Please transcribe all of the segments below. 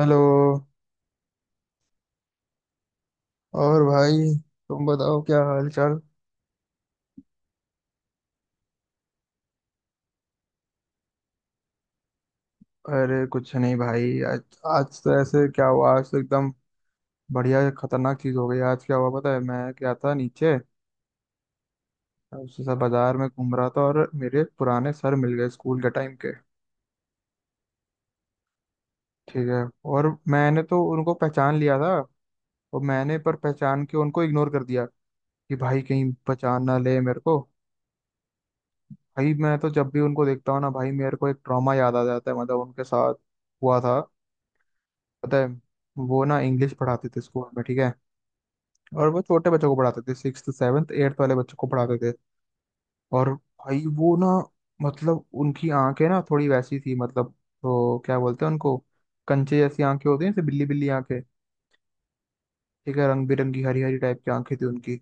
Hello. और भाई, तुम बताओ क्या हाल चाल। अरे कुछ नहीं भाई, आज आज तो ऐसे क्या हुआ आज तो एकदम बढ़िया खतरनाक चीज हो गई। आज क्या हुआ पता है? मैं क्या था, नीचे उसी सा बाजार में घूम रहा था, और मेरे पुराने सर मिल गए स्कूल के टाइम के। ठीक है, और मैंने तो उनको पहचान लिया था, और मैंने पर पहचान के उनको इग्नोर कर दिया कि भाई कहीं पहचान ना ले मेरे को। भाई, मैं तो जब भी उनको देखता हूँ ना भाई, मेरे को एक ट्रॉमा याद आ जाता है मतलब उनके साथ हुआ था। पता है, वो ना इंग्लिश पढ़ाते थे स्कूल में। ठीक है, और वो छोटे बच्चों को पढ़ाते थे, सिक्स सेवन्थ एट्थ वाले बच्चों को पढ़ाते थे। और भाई वो ना मतलब उनकी आंखें ना थोड़ी वैसी थी, मतलब तो क्या बोलते हैं उनको, कंचे जैसी आंखें होती हैं जैसे बिल्ली बिल्ली आंखें। ठीक है, रंग बिरंगी हरी हरी टाइप की आंखें थी उनकी।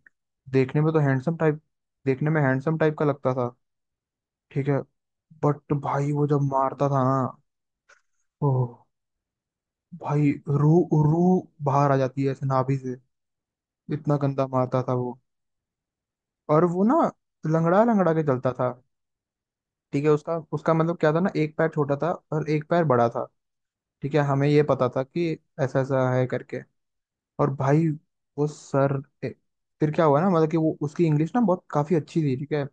देखने में तो हैंडसम टाइप, देखने में हैंडसम टाइप का लगता था। ठीक है, बट भाई वो जब मारता था ना, ओह भाई, रू रू बाहर आ जाती है ऐसे नाभि से, इतना गंदा मारता था वो। और वो ना लंगड़ा लंगड़ा के चलता था। ठीक है, उसका उसका मतलब क्या था ना, एक पैर छोटा था और एक पैर बड़ा था। ठीक है, हमें ये पता था कि ऐसा ऐसा है करके। और भाई वो फिर क्या हुआ ना, मतलब कि वो उसकी इंग्लिश ना बहुत काफी अच्छी थी। ठीक है,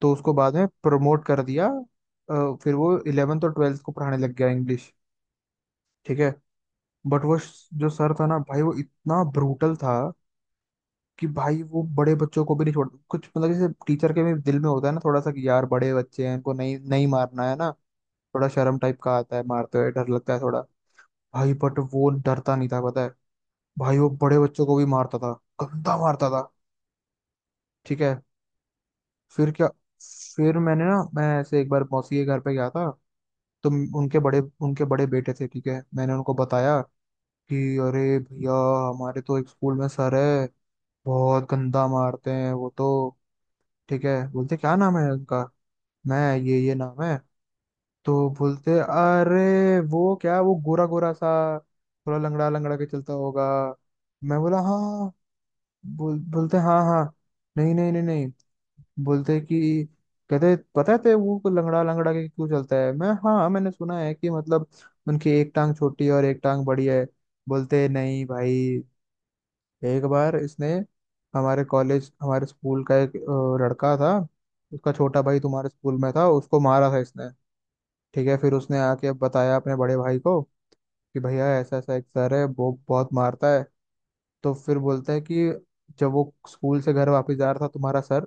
तो उसको बाद में प्रमोट कर दिया, फिर वो इलेवेंथ और ट्वेल्थ को पढ़ाने लग गया इंग्लिश। ठीक है, बट वो जो सर था ना भाई वो इतना ब्रूटल था कि भाई वो बड़े बच्चों को भी नहीं छोड़ कुछ, मतलब जैसे टीचर के भी दिल में होता है ना थोड़ा सा कि यार बड़े बच्चे हैं इनको नहीं नहीं मारना है ना, थोड़ा शर्म टाइप का आता है, मारते हुए डर लगता है थोड़ा। भाई बट वो डरता नहीं था पता है, भाई वो बड़े बच्चों को भी मारता था, गंदा मारता था। ठीक है, फिर क्या, फिर मैंने ना मैं ऐसे एक बार मौसी के घर पे गया था। तो उनके बड़े उनके बड़े बेटे थे। ठीक है, मैंने उनको बताया कि अरे भैया, हमारे तो एक स्कूल में सर है, बहुत गंदा मारते हैं वो तो। ठीक है, बोलते क्या नाम है उनका, मैं ये नाम है। तो बोलते अरे वो क्या, वो गोरा गोरा सा थोड़ा लंगड़ा लंगड़ा के चलता होगा। मैं बोला हाँ हाँ, बोलते हाँ हाँ, नहीं नहीं नहीं नहीं। बोलते कि कहते पता है तेरे वो को लंगड़ा लंगड़ा के क्यों चलता है? मैं हाँ हाँ, मैंने सुना है कि मतलब उनकी एक टांग छोटी है और एक टांग बड़ी है। बोलते नहीं भाई, एक बार इसने हमारे कॉलेज हमारे स्कूल का एक लड़का था, उसका छोटा भाई तुम्हारे स्कूल में था, उसको मारा था इसने। ठीक है, फिर उसने आके अब बताया अपने बड़े भाई को कि भैया ऐसा ऐसा एक सर है वो बहुत मारता है। तो फिर बोलता है कि जब वो स्कूल से घर वापस जा रहा था तुम्हारा सर,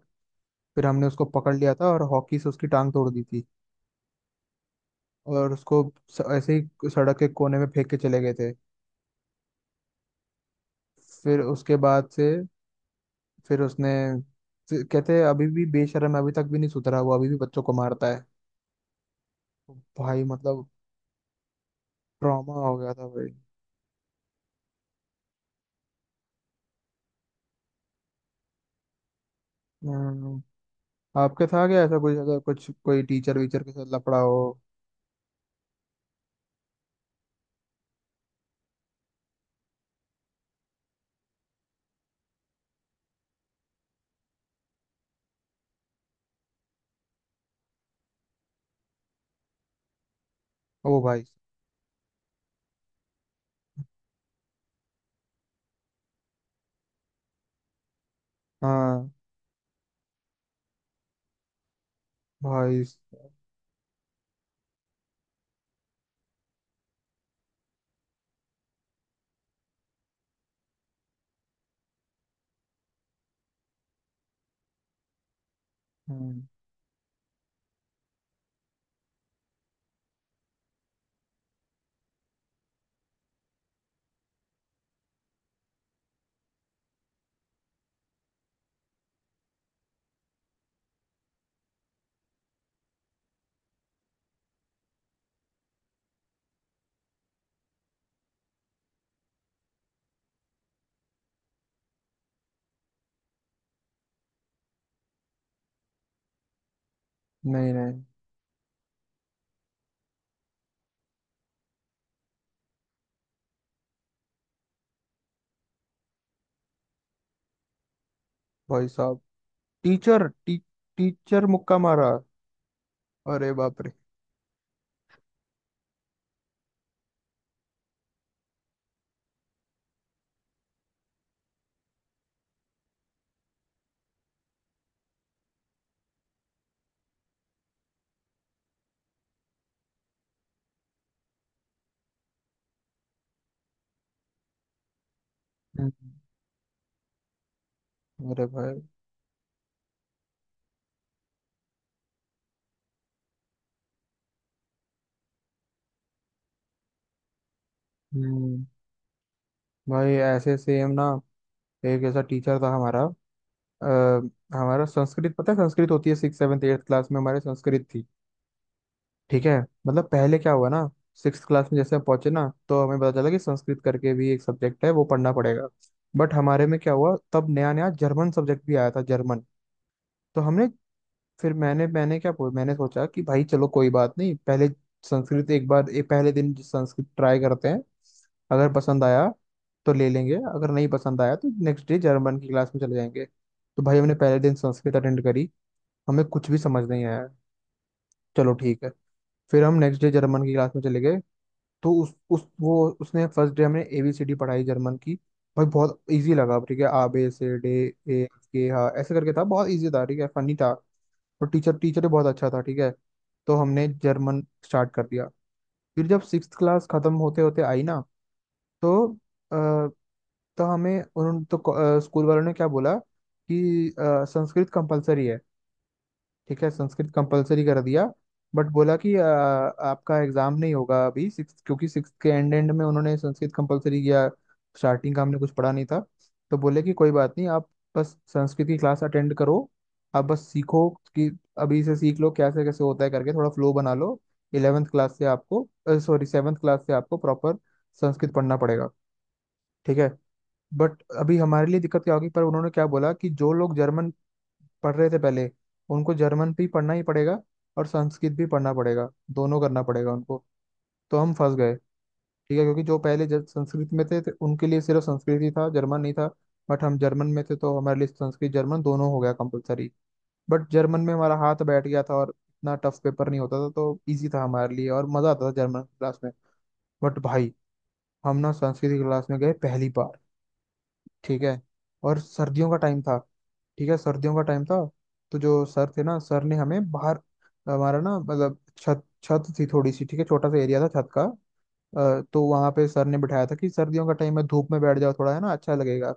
फिर हमने उसको पकड़ लिया था और हॉकी से उसकी टांग तोड़ दी थी। और उसको ऐसे ही सड़क के कोने में फेंक के चले गए थे। फिर उसके बाद से, फिर उसने, फिर कहते हैं अभी भी बेशर्म है, अभी तक भी नहीं सुधरा वो, अभी भी बच्चों को मारता है। भाई मतलब ट्रॉमा हो गया था भाई। हम्म, आपके था क्या ऐसा कुछ अगर कुछ कोई टीचर वीचर के साथ लफड़ा हो? ओ भाई, हाँ भाई, हम्म, नहीं नहीं, भाई साहब। टीचर टी, टीचर मुक्का मारा। अरे बाप रे, हम्म, अरे भाई, हम्म, भाई ऐसे सेम ना, एक ऐसा टीचर था हमारा। आ, हमारा संस्कृत, पता है संस्कृत होती है सिक्स सेवन्थ एट्थ क्लास में, हमारे संस्कृत थी। ठीक है, मतलब पहले क्या हुआ ना, सिक्स क्लास में जैसे हम पहुंचे ना, तो हमें पता चला कि संस्कृत करके भी एक सब्जेक्ट है वो पढ़ना पड़ेगा। बट हमारे में क्या हुआ, तब नया नया जर्मन सब्जेक्ट भी आया था, जर्मन। तो हमने, फिर मैंने मैंने क्या बोल- मैंने सोचा कि भाई चलो कोई बात नहीं, पहले संस्कृत एक बार एक पहले दिन संस्कृत ट्राई करते हैं। अगर पसंद आया तो ले लेंगे, अगर नहीं पसंद आया तो नेक्स्ट डे जर्मन की क्लास में चले जाएंगे। तो भाई हमने पहले दिन संस्कृत अटेंड करी, हमें कुछ भी समझ नहीं आया। चलो ठीक है, फिर हम नेक्स्ट डे जर्मन की क्लास में चले गए। तो उस वो उसने फर्स्ट डे हमने एबीसीडी पढ़ाई जर्मन की। भाई बहुत इजी लगा। ठीक है, आ बे से डे, ए के हा, ऐसे करके था बहुत इजी था। ठीक है, फनी था, तो टीचर टीचर ही बहुत अच्छा था। ठीक है, तो हमने जर्मन स्टार्ट कर दिया। फिर जब सिक्स क्लास खत्म होते होते आई ना, तो अ, तो हमें उन तो स्कूल वालों ने क्या बोला कि संस्कृत कंपलसरी है। ठीक है, संस्कृत कंपलसरी कर दिया, बट बोला कि आपका एग्जाम नहीं होगा अभी सिक्स, क्योंकि सिक्स के एंड एंड में उन्होंने संस्कृत कंपलसरी किया, स्टार्टिंग का हमने कुछ पढ़ा नहीं था। तो बोले कि कोई बात नहीं, आप बस संस्कृत की क्लास अटेंड करो, आप बस सीखो कि अभी से सीख लो कैसे कैसे होता है करके, थोड़ा फ्लो बना लो। इलेवेंथ क्लास से आपको, सॉरी सेवन्थ क्लास से आपको प्रॉपर संस्कृत पढ़ना पड़ेगा। ठीक है, बट अभी हमारे लिए दिक्कत क्या होगी, पर उन्होंने क्या बोला कि जो लोग जर्मन पढ़ रहे थे पहले उनको जर्मन भी पढ़ना ही पड़ेगा और संस्कृत भी पढ़ना पड़ेगा, दोनों करना पड़ेगा उनको। तो हम फंस गए। ठीक है, क्योंकि जो पहले जब संस्कृत में थे, तो उनके लिए सिर्फ संस्कृत ही था जर्मन नहीं था। बट हम जर्मन में थे तो हमारे लिए संस्कृत जर्मन दोनों हो गया कंपलसरी। बट जर्मन में हमारा हाथ बैठ गया था और इतना टफ पेपर नहीं होता था तो इजी था हमारे लिए और मज़ा आता था जर्मन क्लास में। बट भाई, हम ना संस्कृत की क्लास में गए पहली बार। ठीक है, और सर्दियों का टाइम था। ठीक है, सर्दियों का टाइम था, तो जो सर थे ना सर ने हमें बाहर, हमारा ना मतलब छत छत थी थोड़ी सी। ठीक है, छोटा सा एरिया था छत का, तो वहां पे सर ने बिठाया था कि सर्दियों का टाइम है धूप में बैठ जाओ थोड़ा, है ना, अच्छा लगेगा,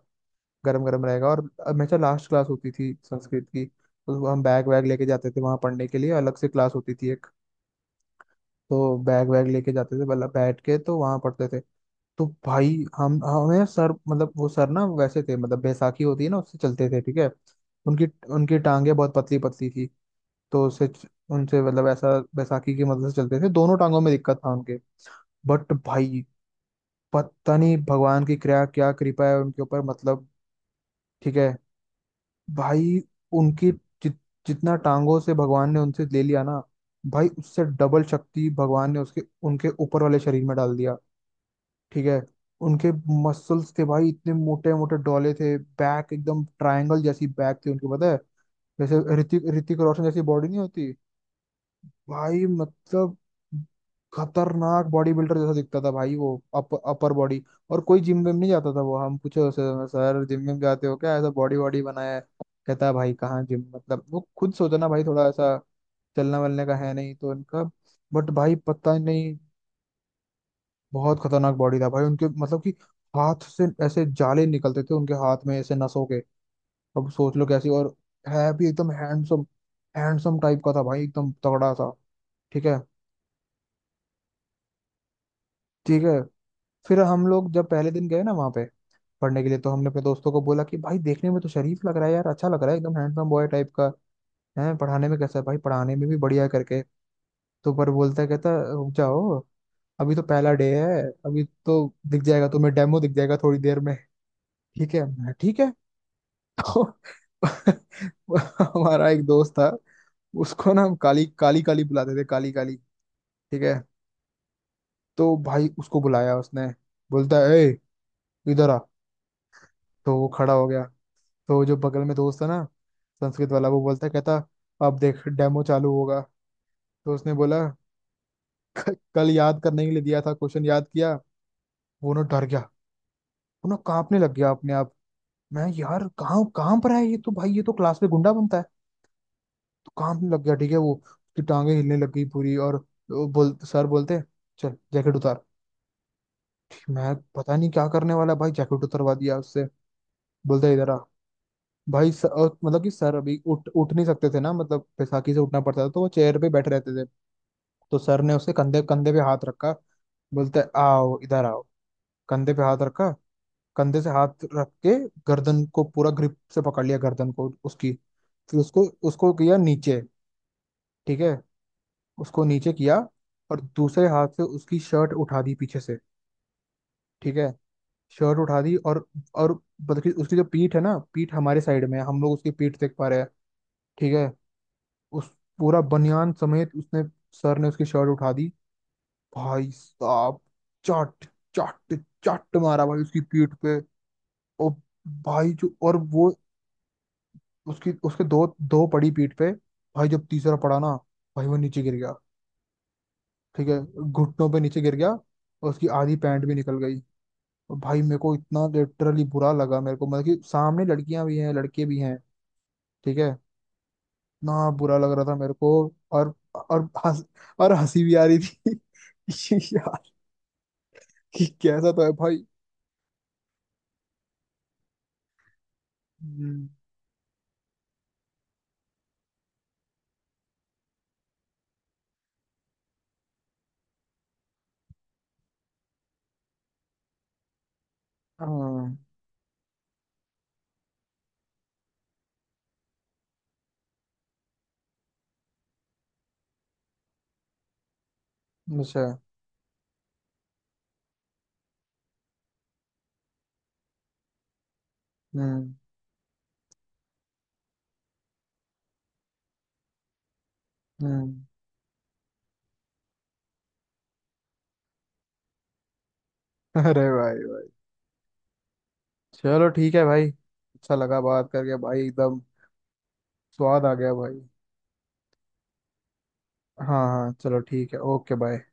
गर्म गर्म रहेगा। और हमेशा लास्ट क्लास होती थी संस्कृत की तो हम बैग वैग लेके जाते थे, वहां पढ़ने के लिए अलग से क्लास होती थी एक, तो बैग वैग लेके जाते थे मतलब बैठ के तो वहां पढ़ते थे। तो भाई हम हमें सर, मतलब वो सर ना वैसे थे, मतलब बैसाखी होती है ना, उससे चलते थे। ठीक है, उनकी, उनकी टांगे बहुत पतली पतली थी, तो उससे उनसे मतलब ऐसा बैसाखी की मदद से चलते थे, दोनों टांगों में दिक्कत था उनके। बट भाई, पता नहीं भगवान की कृपा, क्या कृपा है उनके ऊपर मतलब। ठीक है, भाई उनकी जित, जितना टांगों से भगवान ने उनसे ले लिया ना, भाई उससे डबल शक्ति भगवान ने उसके उनके ऊपर वाले शरीर में डाल दिया। ठीक है, उनके मसल्स थे भाई इतने मोटे मोटे डोले थे, बैक एकदम ट्रायंगल जैसी बैक थी उनके पता है, जैसे ऋतिक ऋतिक रोशन जैसी बॉडी नहीं होती। भाई मतलब खतरनाक बॉडी बिल्डर जैसा दिखता था भाई वो। अपर बॉडी, और कोई जिम विम नहीं जाता था वो। हम पूछे उसे, सर जिम विम जाते हो क्या, ऐसा बॉडी बॉडी बनाया है? कहता है भाई कहाँ जिम, मतलब वो खुद सोचना भाई थोड़ा ऐसा, चलना वलने का है नहीं तो इनका। बट भाई पता नहीं, बहुत खतरनाक बॉडी था भाई उनके, मतलब कि हाथ से ऐसे जाले निकलते थे उनके हाथ में ऐसे नसों के। अब सोच लो कैसी, और है भी एकदम हैंडसम, हैंडसम टाइप का था भाई एकदम तगड़ा सा। ठीक है ठीक है। फिर हम लोग जब पहले दिन गए ना वहां पे पढ़ने के लिए, तो हमने अपने दोस्तों को बोला कि भाई देखने में तो शरीफ लग रहा है यार, अच्छा लग रहा है एकदम हैंडसम बॉय टाइप का है, पढ़ाने में कैसा है भाई? पढ़ाने में भी बढ़िया करके, तो पर बोलता है कहता है, रुक जाओ, अभी तो पहला डे है, अभी तो दिख जाएगा तुम्हें, डेमो दिख जाएगा थोड़ी देर में। ठीक है मैं, ठीक है। तो हमारा एक दोस्त था, उसको ना हम काली काली काली बुलाते थे, काली काली। ठीक है, तो भाई उसको बुलाया उसने, बोलता है ए इधर आ। तो वो खड़ा हो गया, तो जो बगल में दोस्त था ना संस्कृत वाला वो बोलता है, कहता, अब देख डेमो चालू होगा। तो उसने बोला, कल याद करने के लिए दिया था क्वेश्चन याद किया? वो ना डर गया, वो ना कांपने लग गया अपने आप। मैं यार कहाँ कहाँ पर है ये, तो भाई ये तो क्लास में गुंडा बनता है, काम में लग गया। ठीक है, वो उसकी टांगे हिलने लग गई पूरी। और वो बोल सर बोलते, चल जैकेट उतार। ठीक, मैं पता नहीं क्या करने वाला भाई, जैकेट उतरवा दिया उससे। बोलता इधर आ। भाई सर, मतलब कि सर अभी उठ उठ नहीं सकते थे ना, मतलब बैसाखी से उठना पड़ता था तो वो चेयर पे बैठे रहते थे। तो सर ने उसके कंधे कंधे पे हाथ रखा, बोलता है आओ इधर आओ, कंधे पे हाथ रखा, कंधे से हाथ रख के गर्दन को पूरा ग्रिप से पकड़ लिया, गर्दन को उसकी। फिर उसको, किया नीचे। ठीक है, उसको नीचे किया और दूसरे हाथ से उसकी शर्ट उठा दी पीछे से। ठीक है, शर्ट उठा दी और, और बल्कि उसकी जो पीठ है ना, पीठ हमारे साइड में है, हम लोग उसकी पीठ देख पा रहे हैं। ठीक है, उस पूरा बनियान समेत उसने, सर ने उसकी शर्ट उठा दी। भाई साहब, चट चट चट मारा भाई उसकी पीठ पे। ओ भाई जो और वो उसकी, उसके दो दो पड़ी पीठ पे। भाई जब तीसरा पड़ा ना, भाई वो नीचे गिर गया। ठीक है, घुटनों पे नीचे गिर गया और उसकी आधी पैंट भी निकल गई। और भाई मेरे को इतना लिटरली बुरा लगा मेरे को, मतलब कि सामने लड़कियां भी हैं लड़के भी हैं। ठीक है, इतना बुरा लग रहा था मेरे को। और और हंस और हंसी भी आ रही थी कि यार, कि कैसा तो है भाई। हम्म, हाँ, अच्छा हम्म हम्म। अरे भाई भाई, चलो ठीक है भाई, अच्छा लगा बात करके भाई एकदम, स्वाद आ गया भाई। हाँ हाँ, चलो ठीक है, ओके बाय।